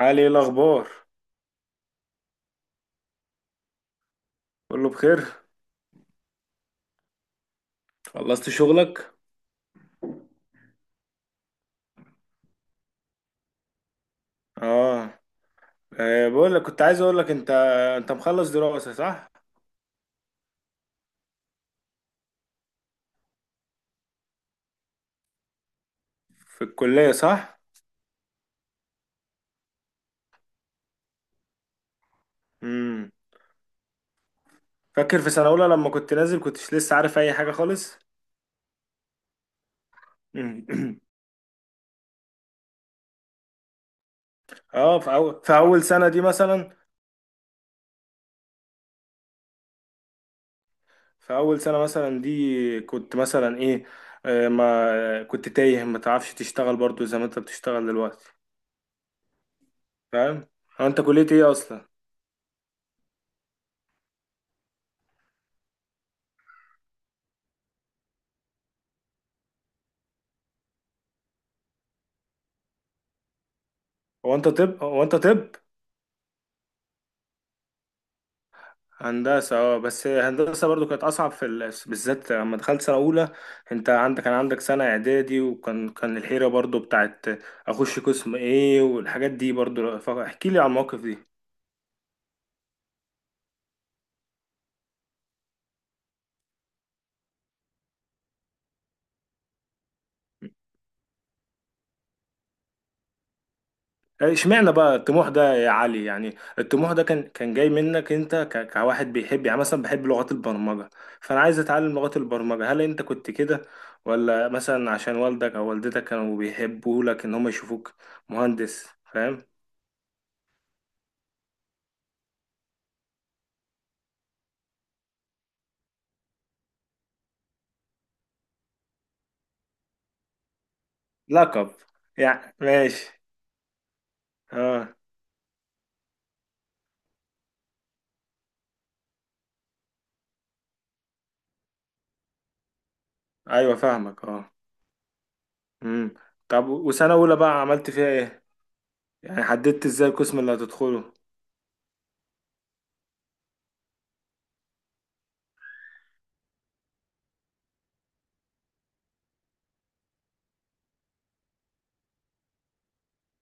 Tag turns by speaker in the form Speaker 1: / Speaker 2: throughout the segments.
Speaker 1: علي، ايه الاخبار؟ كله بخير. خلصت شغلك؟ اه. بقول لك كنت عايز اقول لك انت مخلص دراسة، صح؟ في الكلية، صح؟ امم فاكر في سنة اولى لما كنت نازل كنتش لسه عارف اي حاجة خالص. مم. اه، في اول سنة دي مثلا. في اول سنة مثلا دي كنت مثلا ايه؟ ما كنت تايه، ما تعرفش تشتغل برضو زي ما انت بتشتغل دلوقتي؟ فاهم. هو انت كلية ايه اصلا؟ هو انت طب؟ هندسة، اه. بس هندسة برضو كانت أصعب بالذات لما دخلت سنة أولى. أنت عندك كان عندك سنة إعدادي، وكان كان الحيرة برضو بتاعت أخش قسم إيه والحاجات دي. برضو فاحكي لي على المواقف دي. اشمعنى بقى الطموح ده يا علي؟ يعني الطموح ده كان جاي منك أنت، كواحد بيحب يعني مثلا بحب لغات البرمجة، فأنا عايز أتعلم لغات البرمجة؟ هل أنت كنت كده، ولا مثلا عشان والدك أو والدتك كانوا بيحبوا لك إن هم يشوفوك مهندس؟ فاهم. لقب؟ يعني ماشي. اه. ايوه، فاهمك، اه. امم طب، وسنه اولى بقى عملت فيها ايه؟ يعني حددت ازاي القسم اللي هتدخله؟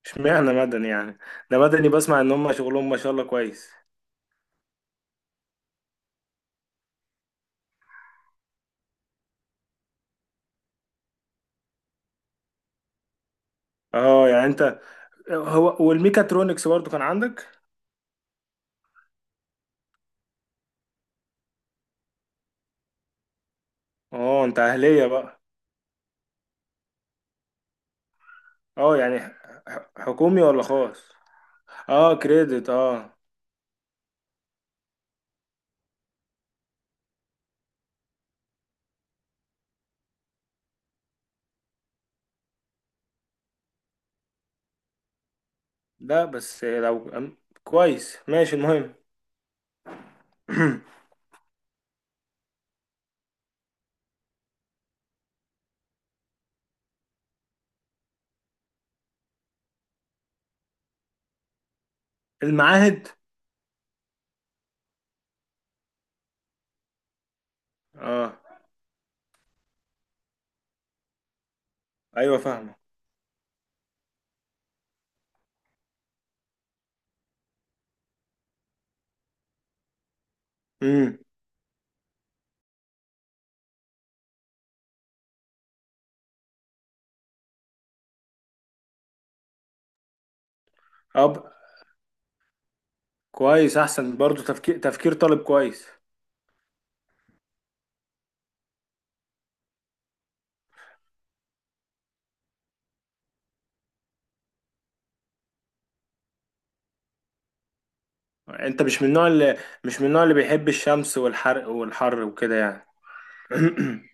Speaker 1: اشمعنى مدني يعني؟ ده مدني بسمع ان هم شغلهم ما شاء الله كويس. اه يعني انت، هو والميكاترونكس برضو كان عندك؟ اه، انت اهليه بقى؟ اه يعني، حكومي ولا خاص؟ اه، كريدت، اه. لا بس لو أم- كويس ماشي المهم. المعاهد. اه. ايوه فاهمه. امم كويس، احسن برضو، تفكير طالب كويس. انت مش من النوع اللي بيحب الشمس والحرق والحر وكده يعني.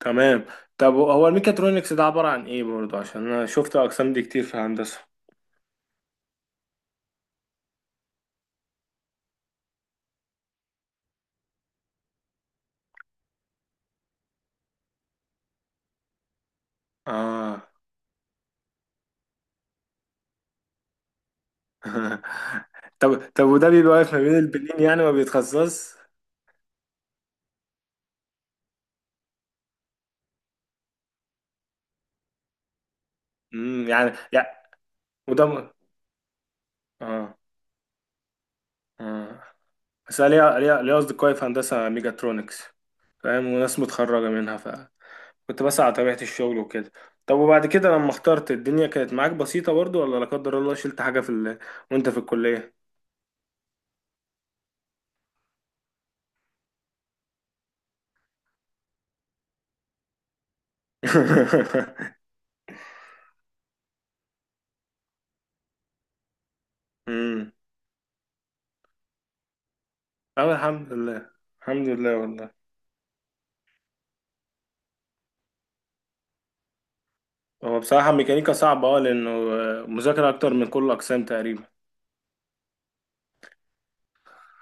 Speaker 1: تمام. طب هو الميكاترونكس ده عبارة عن ايه برضو؟ عشان انا شفت الاقسام دي كتير في هندسة. اه. طب وده بيبقى واقف ما بين البنين يعني ما بيتخصص؟ يعني، يعني وده م... اه، اه، بس أنا ليا اصدقائي في هندسة ميكاترونكس، فاهم؟ وناس متخرجة منها. كنت بس على طبيعة الشغل وكده. طب وبعد كده لما اخترت، الدنيا كانت معاك بسيطة برضو، ولا لا قدر الله شلت حاجة وانت في الكلية؟ امم اه، الحمد لله. الحمد لله والله. هو بصراحة ميكانيكا صعبة، اه، لأنه مذاكرة أكتر من كل الأقسام تقريبا.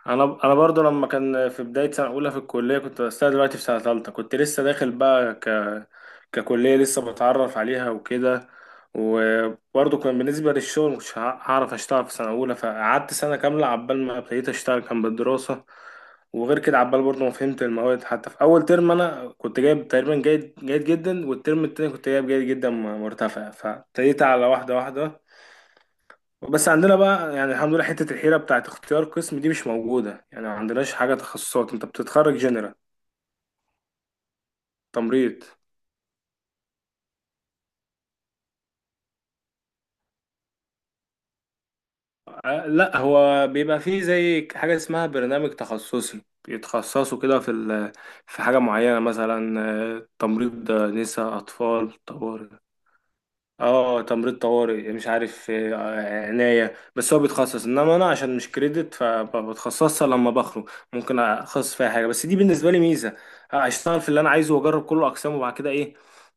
Speaker 1: انا برضو لما كان في بدايه سنه اولى في الكليه، كنت بس أنا دلوقتي في سنه ثالثه، كنت لسه داخل بقى ككليه لسه بتعرف عليها وكده، وبرضو كان بالنسبه للشغل مش هعرف اشتغل في سنه اولى، فقعدت سنه كامله عبال ما ابتديت اشتغل كان بالدراسه. وغير كده عبال برضو ما فهمت المواد، حتى في اول ترم انا كنت جايب تقريبا جيد جدا، والترم التاني كنت جايب جيد جدا مرتفع، فابتديت على واحده واحده. بس عندنا بقى يعني الحمد لله حتة الحيرة بتاعت اختيار قسم دي مش موجودة، يعني ما عندناش حاجة تخصصات، انت بتتخرج جنرال. تمريض. لا، هو بيبقى فيه زي حاجة اسمها برنامج تخصصي، بيتخصصوا كده في حاجة معينة، مثلا تمريض، نساء، أطفال، طوارئ. اه، تمريض طوارئ، مش عارف، عناية. بس هو بيتخصص، انما انا عشان مش كريدت فبتخصصها لما بخرج ممكن اخصص فيها حاجة، بس دي بالنسبة لي ميزة. اشتغل في اللي انا عايزه واجرب كل اقسامه، وبعد كده ايه،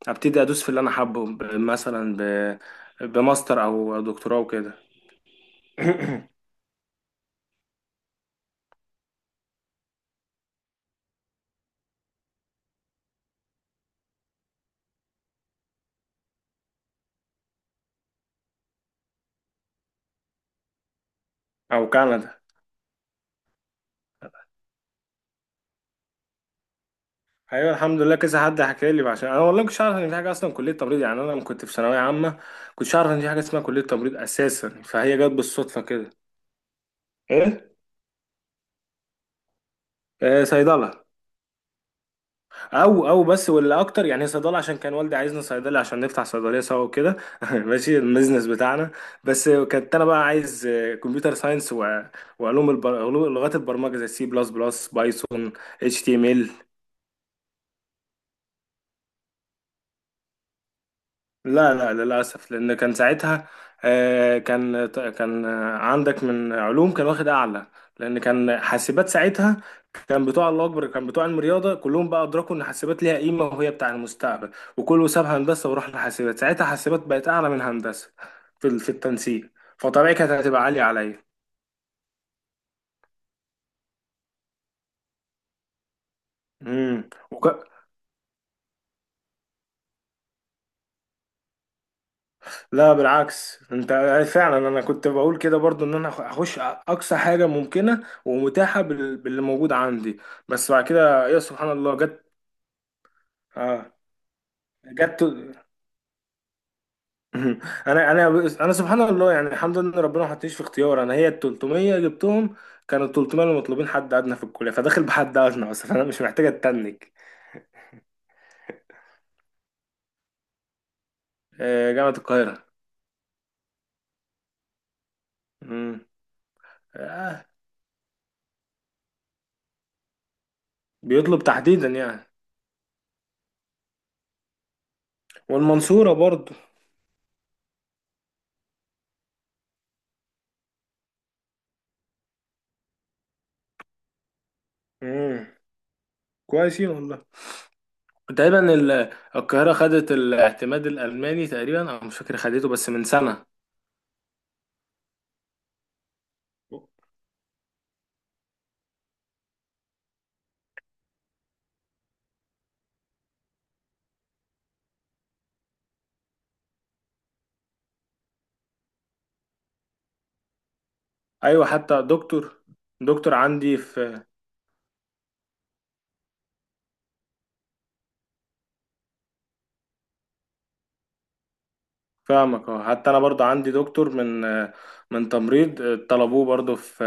Speaker 1: ابتدي ادوس في اللي انا حابه مثلا بماستر او دكتوراه وكده. او كندا. ايوه الحمد لله، كذا حد حكى لي، عشان انا والله ما كنتش عارف ان في حاجه اصلا كليه تمريض. يعني انا لما كنت في ثانويه عامه كنتش عارف ان في حاجه اسمها كليه تمريض اساسا، فهي جت بالصدفه كده. ايه؟ صيدله، او بس، واللي اكتر يعني صيدله عشان كان والدي عايزنا صيدلي عشان نفتح صيدليه سوا وكده. ماشي، البيزنس بتاعنا. بس كنت انا بقى عايز كمبيوتر ساينس، وعلوم لغات البرمجه، زي C++، بايثون، HTML. لا لا، للأسف، لأن كان ساعتها كان عندك من علوم كان واخد أعلى، لأن كان حاسبات ساعتها. كان بتوع الله أكبر، كان بتوع علم رياضة كلهم بقى أدركوا إن حاسبات ليها قيمة وهي بتاع المستقبل، وكله ساب هندسة وراح لحاسبات، ساعتها حاسبات بقت أعلى من هندسة في التنسيق، فطبيعي كانت هتبقى عالية عليا. امم لا بالعكس، انت فعلا، انا كنت بقول كده برضو ان انا اخش اقصى حاجه ممكنه ومتاحه باللي موجود عندي. بس بعد كده يا سبحان الله جت. اه. جت. انا انا سبحان الله، يعني الحمد لله ان ربنا ما حطنيش في اختيار. انا هي ال 300 جبتهم، كانوا ال 300 اللي مطلوبين حد ادنى في الكليه، فداخل بحد ادنى اصلا فانا مش محتاج اتنك. جامعه القاهره. مم. آه، بيطلب تحديدا يعني؟ والمنصوره برضو. مم. كويسين والله. تقريبا القاهرة خدت الاعتماد الألماني، تقريبا أنا مش فاكر خدته بس من سنة. أيوة، حتى دكتور، دكتور عندي في. فاهمك، اه، حتى أنا برضه عندي دكتور، من تمريض، طلبوه برضه في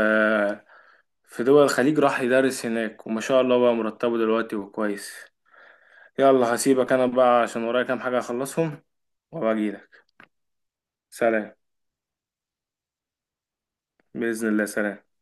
Speaker 1: في دول الخليج، راح يدرس هناك وما شاء الله بقى مرتبه دلوقتي وكويس. يلا هسيبك أنا بقى عشان ورايا كام حاجة أخلصهم، وأبقى أجيلك. سلام. بإذن الله، سلام.